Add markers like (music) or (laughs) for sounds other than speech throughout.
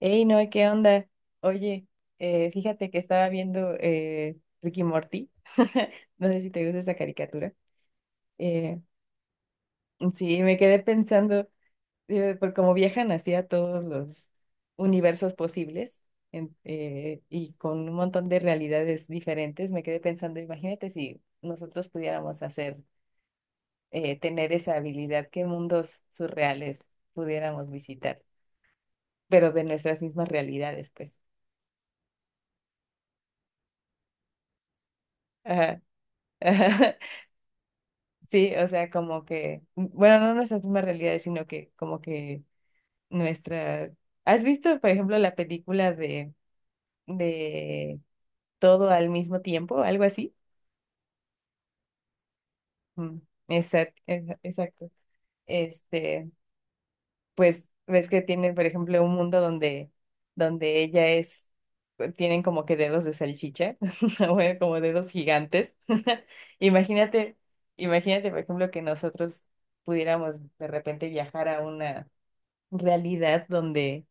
Ey, no, ¿qué onda? Oye, fíjate que estaba viendo Ricky Morty. (laughs) No sé si te gusta esa caricatura. Eh, sí, me quedé pensando, por cómo viajan hacia todos los universos posibles y con un montón de realidades diferentes, me quedé pensando, imagínate si nosotros pudiéramos hacer, tener esa habilidad, qué mundos surreales pudiéramos visitar, pero de nuestras mismas realidades, pues. Ajá. (laughs) Sí, o sea, como que, bueno, no nuestras mismas realidades, sino que como que nuestra... ¿Has visto, por ejemplo, la película de Todo al mismo tiempo, algo así? Mm, exacto. Este, pues ves que tienen, por ejemplo, un mundo donde ella es, tienen como que dedos de salchicha, (laughs) bueno, como dedos gigantes. (laughs) Imagínate, imagínate, por ejemplo, que nosotros pudiéramos de repente viajar a una realidad donde,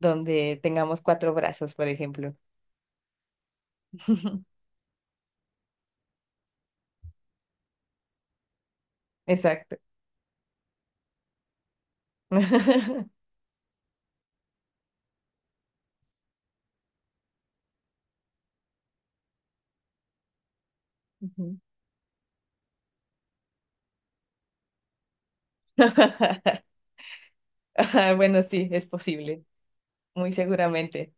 donde tengamos cuatro brazos, por ejemplo. (laughs) Exacto. (laughs) Ujú. (laughs) Ajá, bueno, sí, es posible, muy seguramente.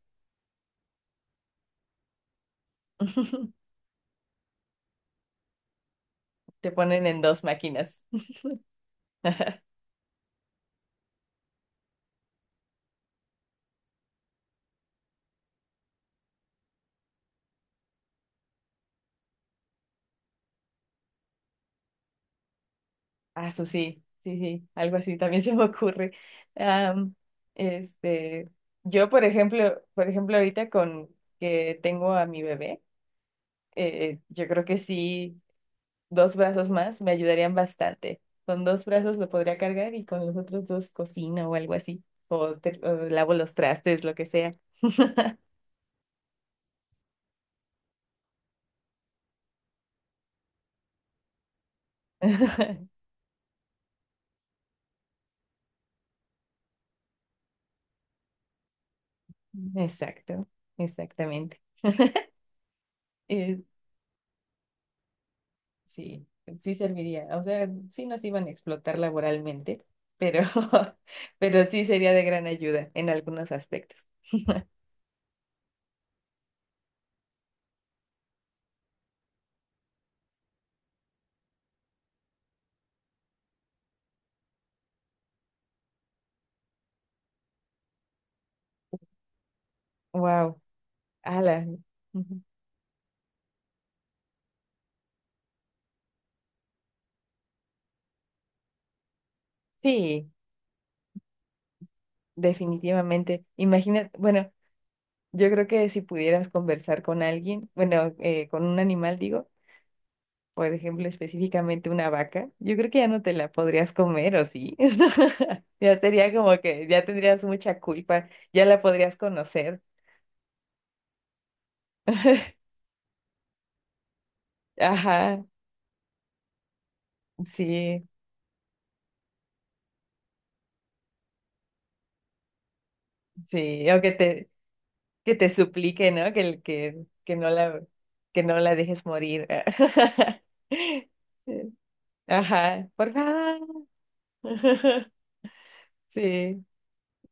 (laughs) Te ponen en dos máquinas. (laughs) Ah, eso sí, sí, sí, algo así también (laughs) se me ocurre. Am, este, yo, por ejemplo, ahorita con que tengo a mi bebé, yo creo que sí. Dos brazos más me ayudarían bastante. Con dos brazos lo podría cargar y con los otros dos cocino o algo así. O, o lavo los trastes, lo que sea. (laughs) Exacto, exactamente. Eh, sí, sí serviría. O sea, sí nos iban a explotar laboralmente, pero, (laughs) pero sí sería de gran ayuda en algunos aspectos. Wow, ala. Ujú. Sí, definitivamente. Imagina, bueno. Yo creo que si pudieras conversar con alguien, bueno, con un animal, digo, por ejemplo, específicamente una vaca, yo creo que ya no te la podrías comer, ¿o sí? (laughs) Ya sería como que ya tendrías mucha culpa, ya la podrías conocer. (laughs) Ajá, sí, sí, o que te suplique, ¿no? Que, que, que no la dejes morir. (laughs) Ajá, por favor. (laughs) Sí.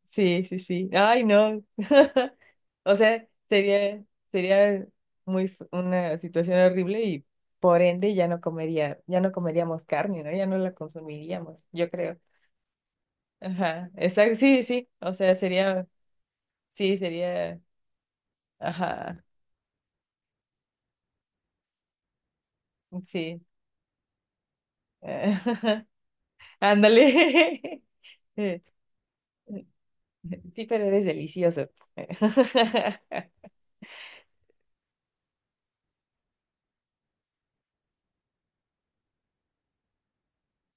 Sí, sí, sí. Ay, no. (laughs) O sea, sería, sería una situación horrible y por ende ya no comería, ya no comeríamos carne, ¿no? Ya no la consumiríamos, yo creo. Ajá, exacto, sí, sí. O sea, sería, sí, sería, ajá, sí. (laughs) Ándale. (laughs) Sí, pero eres delicioso. (laughs)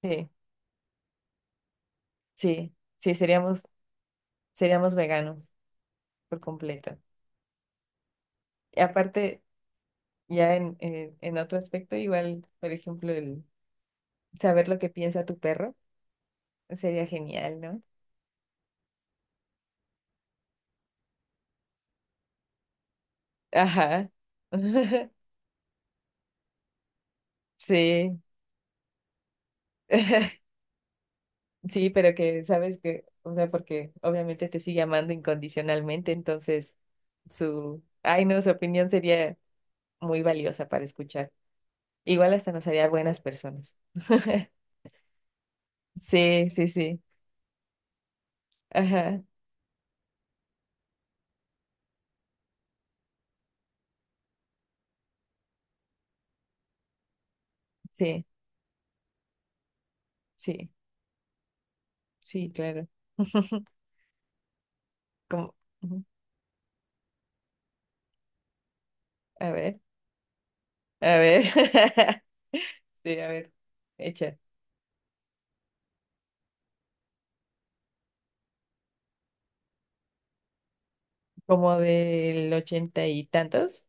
Sí, sí, sí, seríamos, seríamos veganos por completo. Y aparte, ya en otro aspecto, igual, por ejemplo, el saber lo que piensa tu perro sería genial, ¿no? Ajá. (laughs) Sí. (laughs) Sí, pero que sabes que, o sea, porque obviamente te sigue amando incondicionalmente, entonces su, ay no, su opinión sería muy valiosa para escuchar. Igual hasta nos haría buenas personas. (laughs) Sí, sí, sí. Ajá. Sí, sí, sí, claro. (laughs) Como, ujú, a ver. A ver. (laughs) Sí, a ver. Hecha. Como del ochenta y tantos.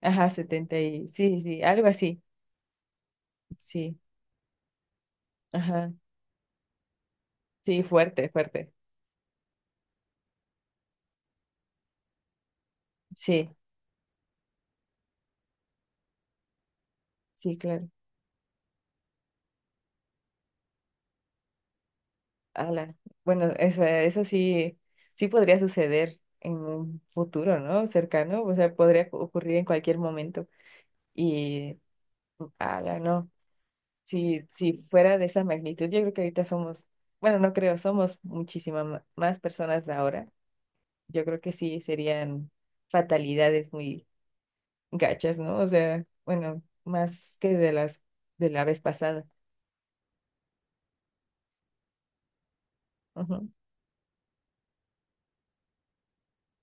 Ajá, setenta y. Sí, sí, sí, algo así. Sí. Ajá. Sí, fuerte, fuerte. Sí, sí, claro. Ala. Bueno, eso sí, sí podría suceder en un futuro, ¿no? Cercano. O sea, podría ocurrir en cualquier momento. Y, ala, no. Si, si fuera de esa magnitud, yo creo que ahorita somos, bueno, no creo, somos muchísimas más personas ahora, yo creo que sí serían fatalidades muy gachas, ¿no? O sea, bueno, más que de la vez pasada. Ujú,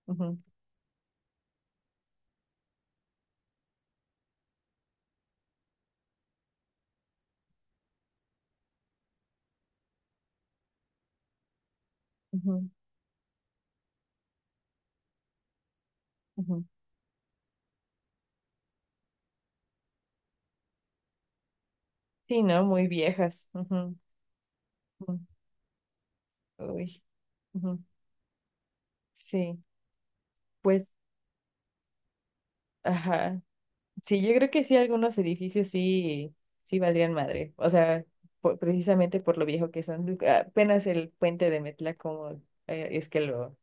ujú, ujú, ujú. Sí, ¿no? Muy viejas. Ujú, ujú. Uy, ujú. Sí, pues, ajá. Sí, yo creo que sí, algunos edificios sí, sí valdrían madre. O sea, precisamente por lo viejo que son. Apenas el puente de Metla, como es que lo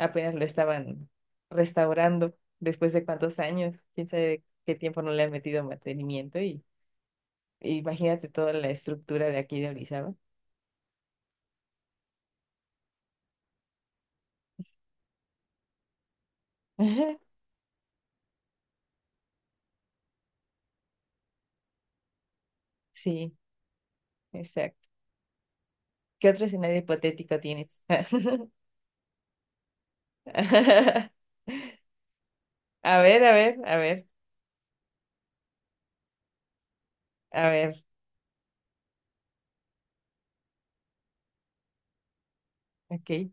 apenas lo estaban restaurando después de cuántos años, quién sabe qué tiempo no le han metido mantenimiento y e imagínate toda la estructura de aquí de Orizaba. (laughs) Ajá, sí, exacto. ¿Qué otro escenario hipotético tienes? (laughs) A ver, a ver, a ver, a ver, ok.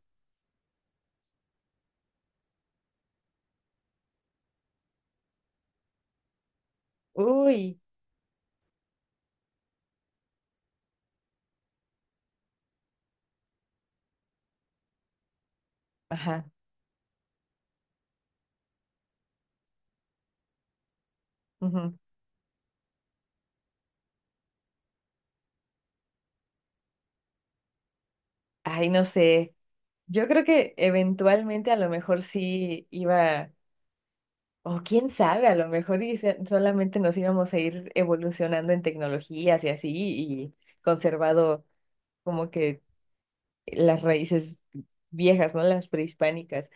Uy, ajá. Ujú. Ay, no sé. Yo creo que eventualmente a lo mejor sí iba. O quién sabe, a lo mejor y solamente nos íbamos a ir evolucionando en tecnologías y así, y conservado como que las raíces viejas, ¿no? Las prehispánicas.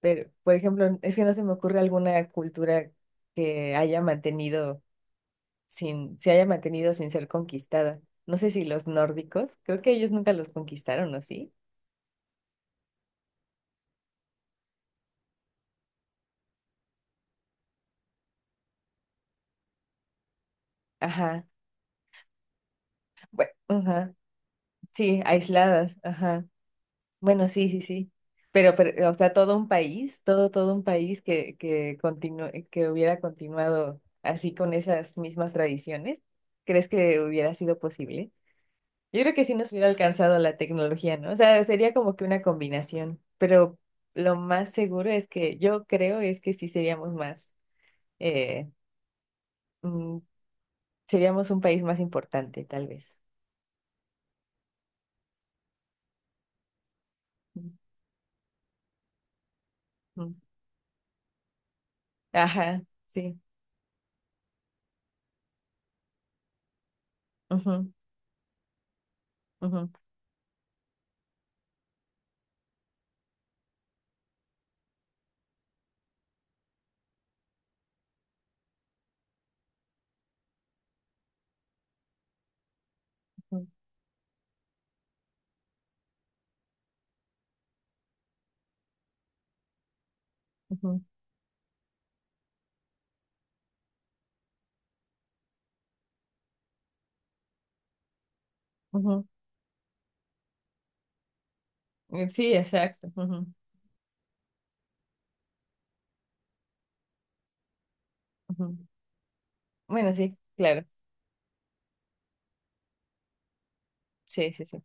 Pero, por ejemplo, es que no se me ocurre alguna cultura que haya mantenido sin, se haya mantenido sin ser conquistada. No sé si los nórdicos, creo que ellos nunca los conquistaron, ¿o sí? Ajá. Bueno, ajá. Sí, aisladas, ajá. Bueno, sí, sí, sí. Pero, o sea, todo un país, todo, todo un país que, que hubiera continuado así con esas mismas tradiciones, ¿crees que hubiera sido posible? Yo creo que sí nos hubiera alcanzado la tecnología, ¿no? O sea, sería como que una combinación, pero lo más seguro es que yo creo es que sí seríamos más, eh, mm, seríamos un país más importante, tal vez. Ujú. Ajá, sí. Ujú, ujú, ujú, ujú, ujú. Sí, exacto. Ujú, ujú. Bueno, sí, claro. Sí, sí, sí.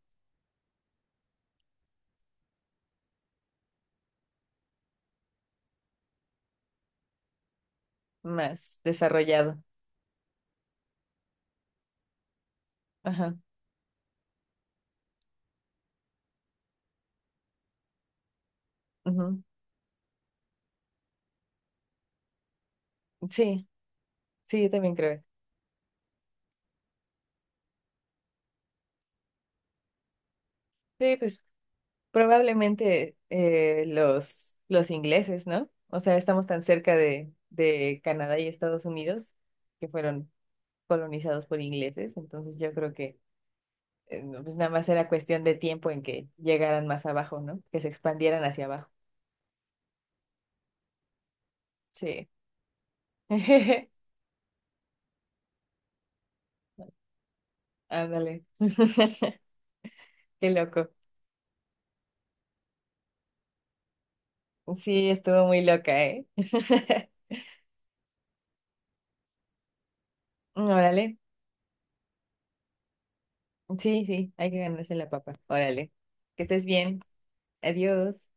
Más desarrollado. Ajá. Ujú. Sí, sí, yo también creo eso. Sí, pues probablemente los ingleses, ¿no? O sea, estamos tan cerca de Canadá y Estados Unidos que fueron colonizados por ingleses, entonces yo creo que no, pues nada más era cuestión de tiempo en que llegaran más abajo, ¿no? Que se expandieran hacia abajo. Sí. (laughs) Ándale. (laughs) Qué loco. Sí, estuvo muy loca, ¿eh? (laughs) Órale. Sí, sí, hay que ganarse la papa. Órale. Que estés bien. Adiós.